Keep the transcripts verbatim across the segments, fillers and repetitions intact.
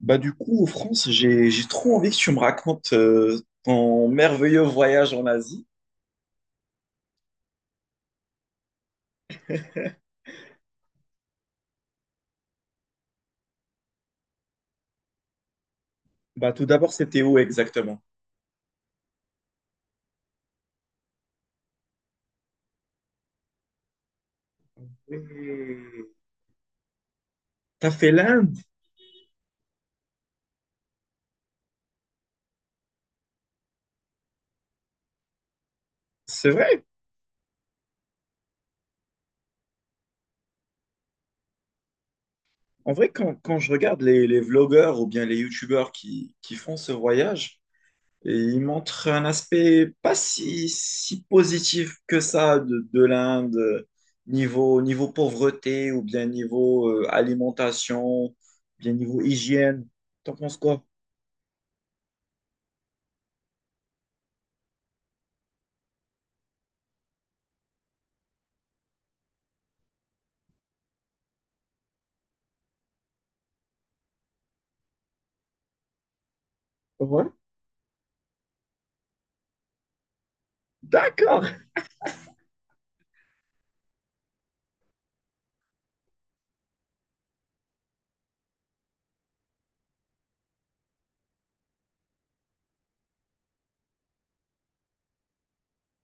Bah du coup, en France, j'ai j'ai trop envie que tu me racontes euh, ton merveilleux voyage en Asie. Bah tout d'abord, c'était où exactement? Oui. T'as fait l'Inde? C'est vrai. En vrai, quand, quand je regarde les, les vlogueurs ou bien les youtubeurs qui, qui font ce voyage, et ils montrent un aspect pas si, si positif que ça de, de l'Inde, euh, niveau, niveau pauvreté ou bien niveau euh, alimentation, bien niveau hygiène. T'en penses quoi? Ouais. D'accord.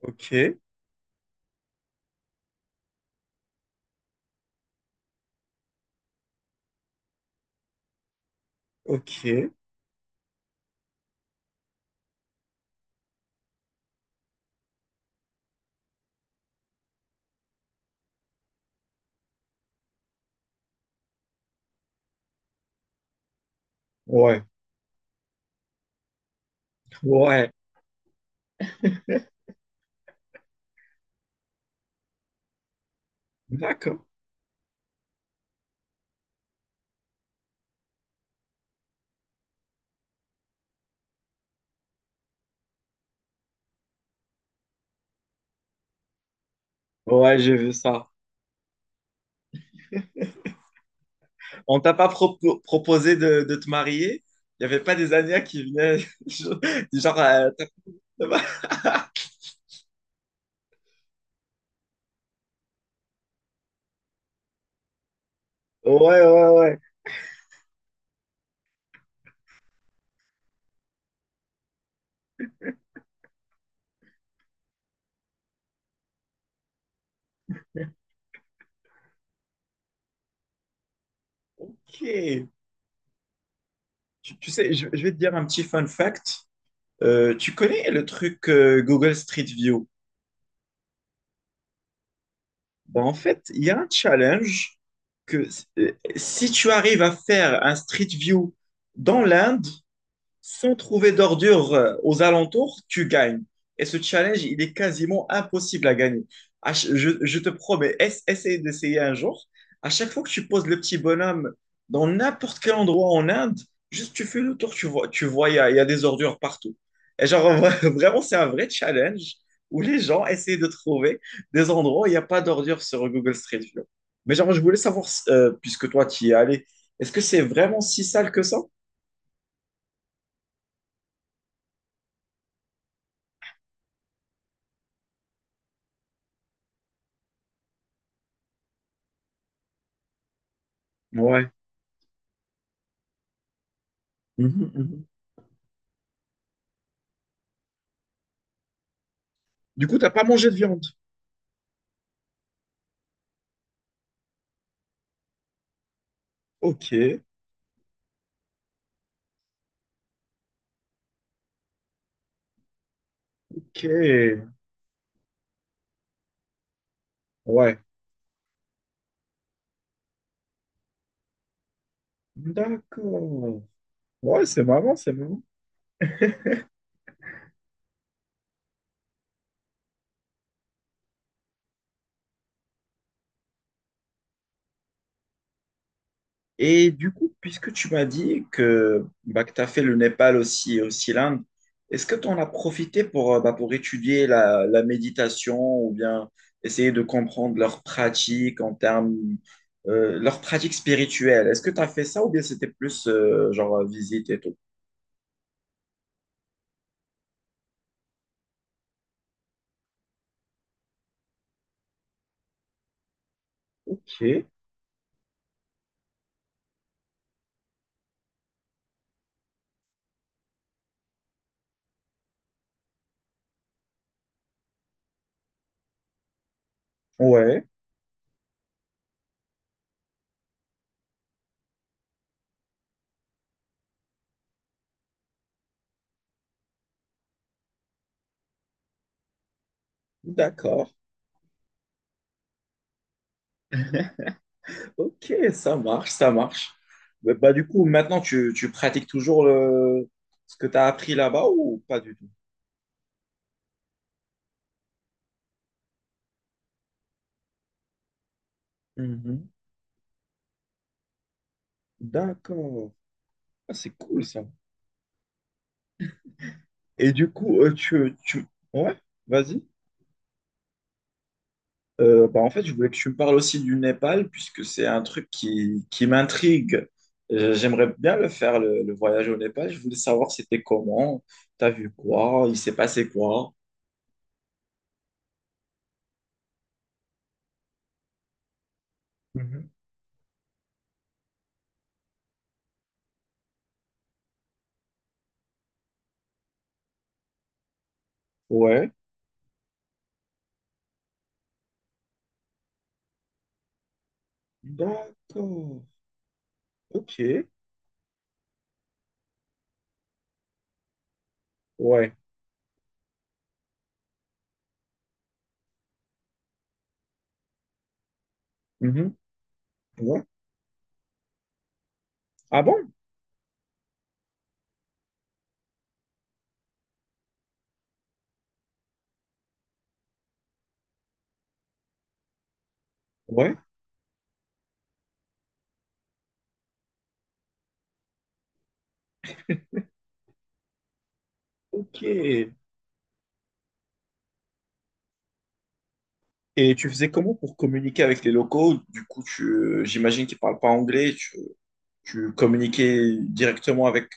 Ok, ok, ouais, ouais, d'accord. Ouais, j'ai vu ça. On t'a pas propo- proposé de, de te marier? Il y avait pas des Ania qui venaient, du genre, euh, Ouais, ouais, ouais. Ok. Tu, tu sais, je, je vais te dire un petit fun fact. Euh, tu connais le truc euh, Google Street View? Ben, en fait, il y a un challenge que euh, si tu arrives à faire un Street View dans l'Inde, sans trouver d'ordures euh, aux alentours, tu gagnes. Et ce challenge, il est quasiment impossible à gagner. À ch- je, je te promets, ess- essaye d'essayer un jour. À chaque fois que tu poses le petit bonhomme dans n'importe quel endroit en Inde, juste tu fais le tour, tu vois, tu vois, il y a, il y a des ordures partout. Et genre, vraiment, c'est un vrai challenge où les gens essayent de trouver des endroits où il n'y a pas d'ordures sur Google Street View. Mais genre, je voulais savoir, euh, puisque toi, tu y es allé, est-ce que c'est vraiment si sale que ça? Ouais. Mhm, mhm. Du coup, t'as pas mangé de viande. Ok, ok. Ouais. D'accord. Ouais, c'est marrant, c'est marrant. Et du coup, puisque tu m'as dit que, bah, que tu as fait le Népal aussi, aussi l'Inde, est-ce que tu en as profité pour, euh, bah, pour étudier la, la méditation ou bien essayer de comprendre leurs pratiques en termes, euh, leurs pratiques spirituelles? Est-ce que tu as fait ça ou bien c'était plus euh, genre euh, visite et tout? Ok, ouais, d'accord. Ok, ça marche, ça marche. Mais bah, du coup, maintenant, tu, tu pratiques toujours le… ce que tu as appris là-bas ou pas du tout? Mhm. D'accord. Ah, c'est cool ça. Et du coup, euh, tu, tu… Ouais, vas-y. Euh, bah, en fait, je voulais que tu me parles aussi du Népal, puisque c'est un truc qui, qui m'intrigue. Euh, J'aimerais bien le faire, le, le voyage au Népal. Je voulais savoir c'était comment, t'as vu quoi, il s'est passé quoi. Mhm. Ouais. D'accord. Ok. Ouais. Mhm. Ouais. Ah bon? Ouais. Ok. Et tu faisais comment pour communiquer avec les locaux? Du coup, tu, j'imagine qu'ils parlent pas anglais. Tu, tu communiquais directement avec.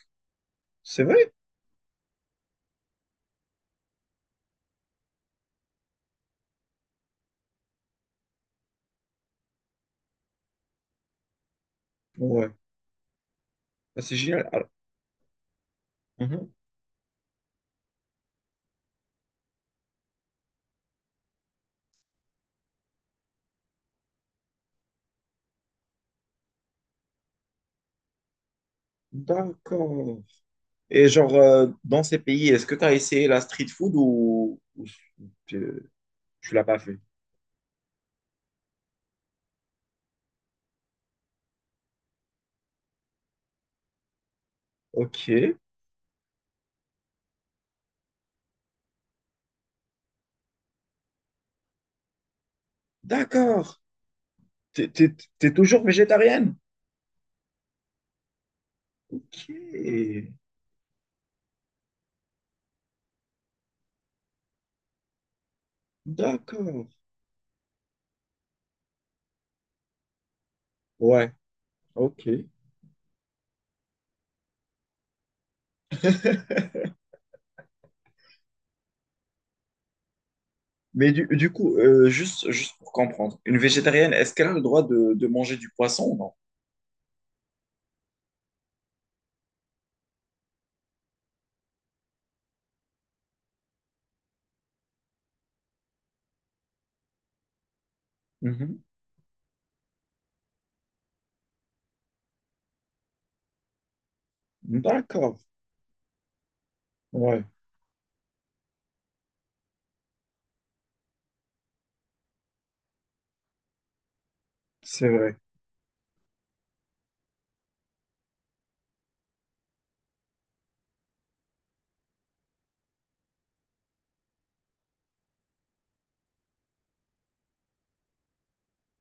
C'est vrai? Ouais. Ah, c'est génial. Alors, mhm. D'accord. Et genre, euh, dans ces pays, est-ce que tu as essayé la street food ou, ou tu, tu l'as pas fait? Ok. D'accord. T'es, t'es- t'es toujours végétarienne? Ok. D'accord. Ouais. Ok. Mais du, du coup, euh, juste, juste pour comprendre, une végétarienne, est-ce qu'elle a le droit de, de manger du poisson ou non? Mhm. D'accord. Ouais, c'est vrai.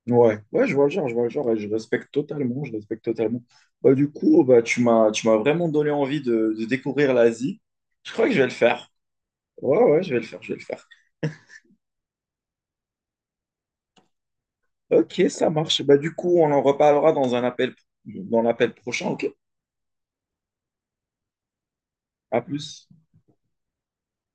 Ouais, ouais, je vois le genre, je vois le genre et je respecte totalement, je respecte totalement. Bah, du coup, bah, tu m'as, tu m'as vraiment donné envie de, de découvrir l'Asie. Je crois que je vais le faire. Ouais, ouais, je vais le faire, je vais le faire. Ok, ça marche. Bah, du coup, on en reparlera dans un appel, dans l'appel prochain, ok? À plus.